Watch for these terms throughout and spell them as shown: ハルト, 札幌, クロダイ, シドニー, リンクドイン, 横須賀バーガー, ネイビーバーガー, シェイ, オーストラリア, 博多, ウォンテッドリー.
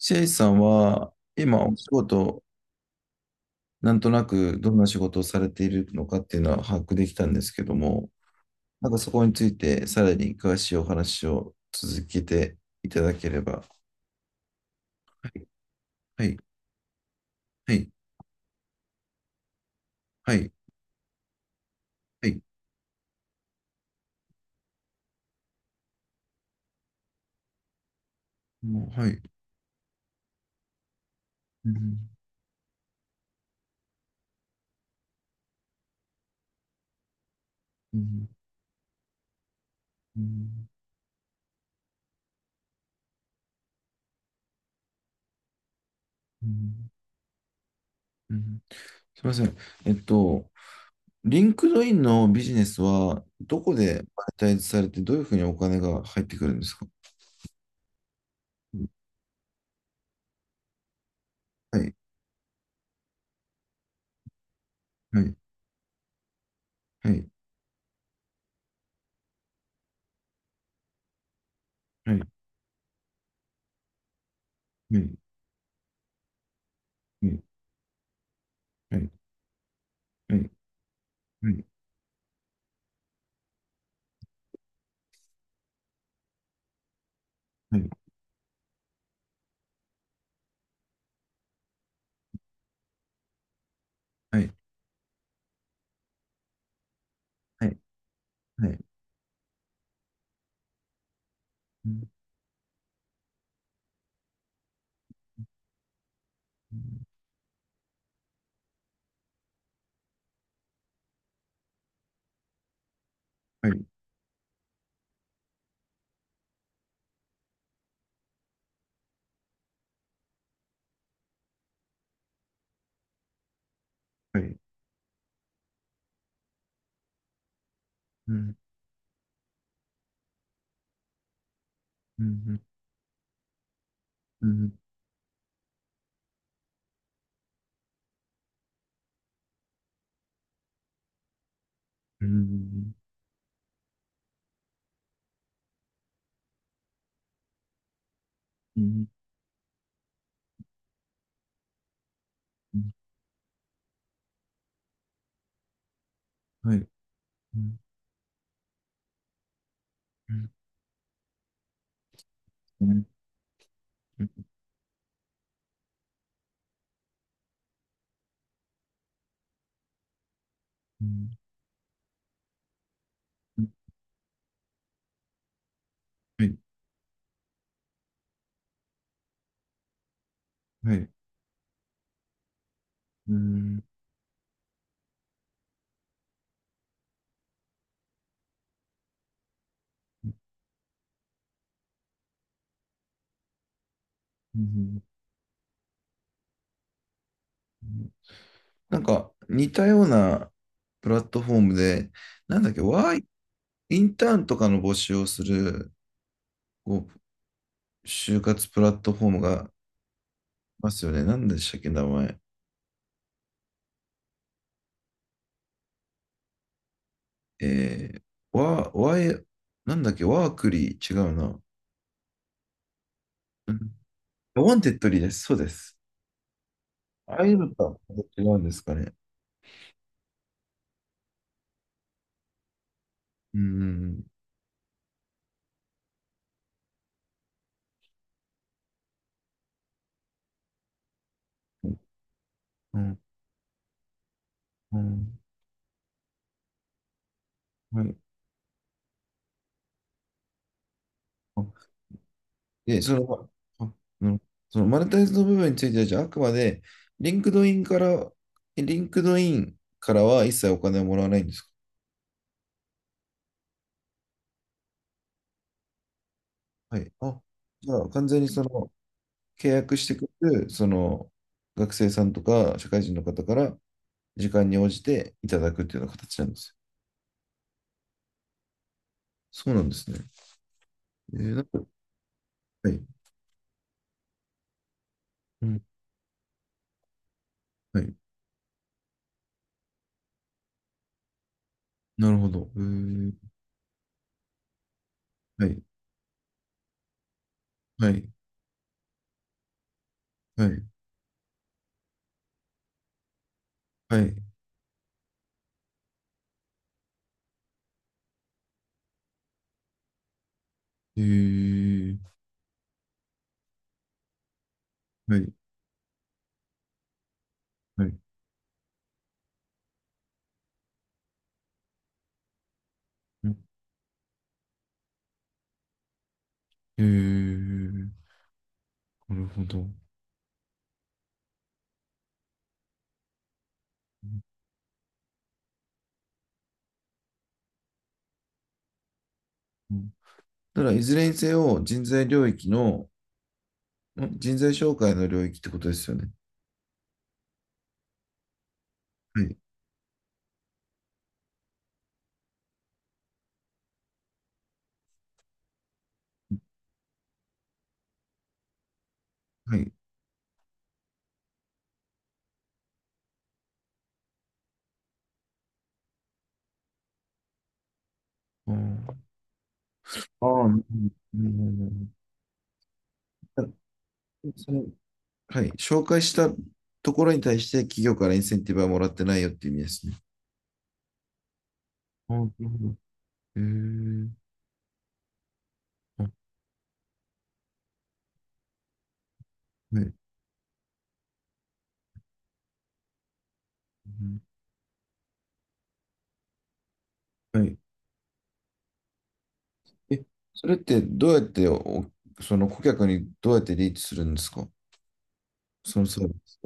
シェイさんは、今お仕事、なんとなくどんな仕事をされているのかっていうのは把握できたんですけども、なんかそこについてさらに詳しいお話を続けていただければ。はい、はい、はい、はい、もう、はい。うんうんうんうんうん。すみません。えっと、リンクドインのビジネスはどこでマネタイズされて、どういうふうにお金が入ってくるんですか？はい、はい、はい、はい、はい、はい。はいはい、はい、はい、はい、はい、はい、うん、はい、はい、うん、うん、うん、うん、うん、はい、うん、うん、うん、うん、はい、はい、うん、うん。なんか、似たようなプラットフォームで、なんだっけ、ワイ、インターンとかの募集をする、こう、就活プラットフォームがありますよね。なんでしたっけ、名前。えー、ワー、ワイ、なんだっけ、ワークリー、違うな。うん。ウォンテッドリーです。そうです。ああいうのとは違うんですかね。うんうんうん。うん、はい。あ、で、その、あ、うん、そのマネタイズの部分については、じゃあ、あくまで、リンクドインから、リンクドインからは一切お金をもらわないんですか？はい。あ、じゃあ、完全にその、契約してくる、その、学生さんとか、社会人の方から、時間に応じていただくっていうような形なんですよ。そうなんですね。なんか、はい。うん。はい。なるほど。はい、はい、はい、はい。えー、はい、はい。えー、なるほど。うん。ただ、いずれにせよ、人材領域の、人材紹介の領域ってことですよね。はい、はい。ああ、ああ、うんうんうん、その、はい。紹介したところに対して企業からインセンティブはもらってないよっていう意味ですね。ああ、なるほど。えー、あ、はい。うん、はい。え、それってどうやってお、その顧客にどうやってリーチするんですか？そのサービス。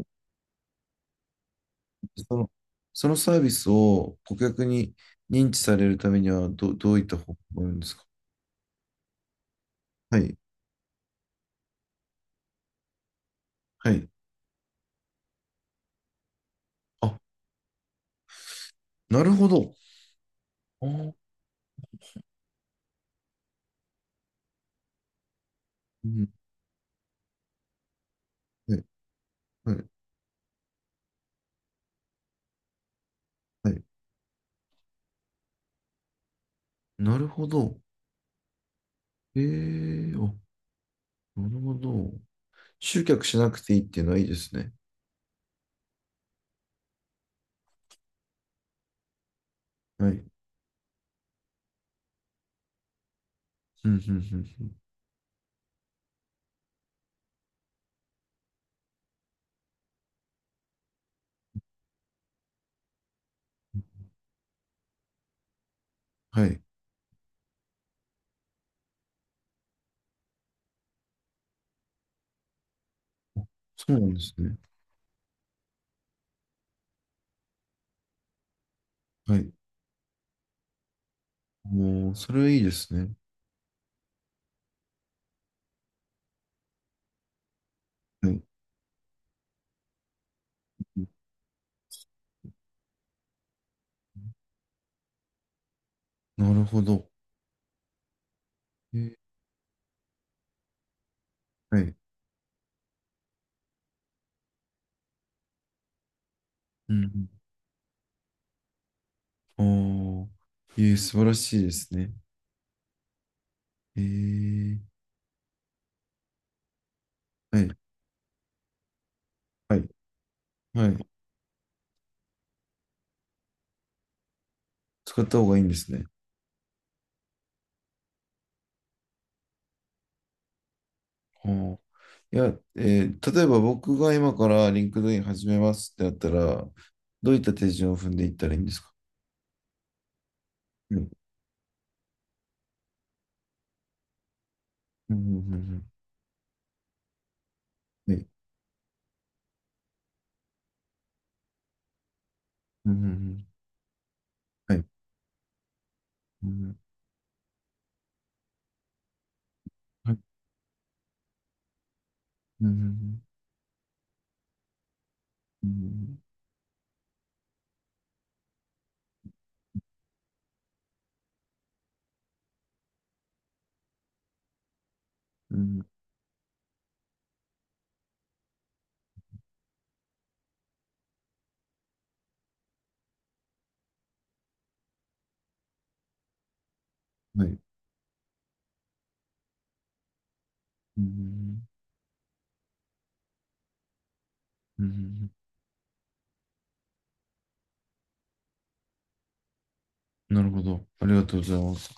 その、そのサービスを顧客に認知されるためにはどういった方法があるんですか？はい、はい。あ、なるほど。あー、うん、はい、はい、はい。なるほど。ええ、あ、なるほど。集客しなくていいっていうのはいいですね。はい。うん、うん、うん、うん、はい。そうなんですね。はい。もう、それはいいですね。はい。なるほど。えーはい。うん。ああ。素晴らしいですね。えー、はい。はい。はい。使った方がいいんですね。はあ。いや、例えば僕が今からリンクドイン始めますってなったら、どういった手順を踏んでいったらいいんですか？はい。うん。うんうんうん、はい。うん。うんうん、はい。うん。はい。うん。うん。うん。うん、はい。うん。うん。うん、なるほど。ありがとうございます。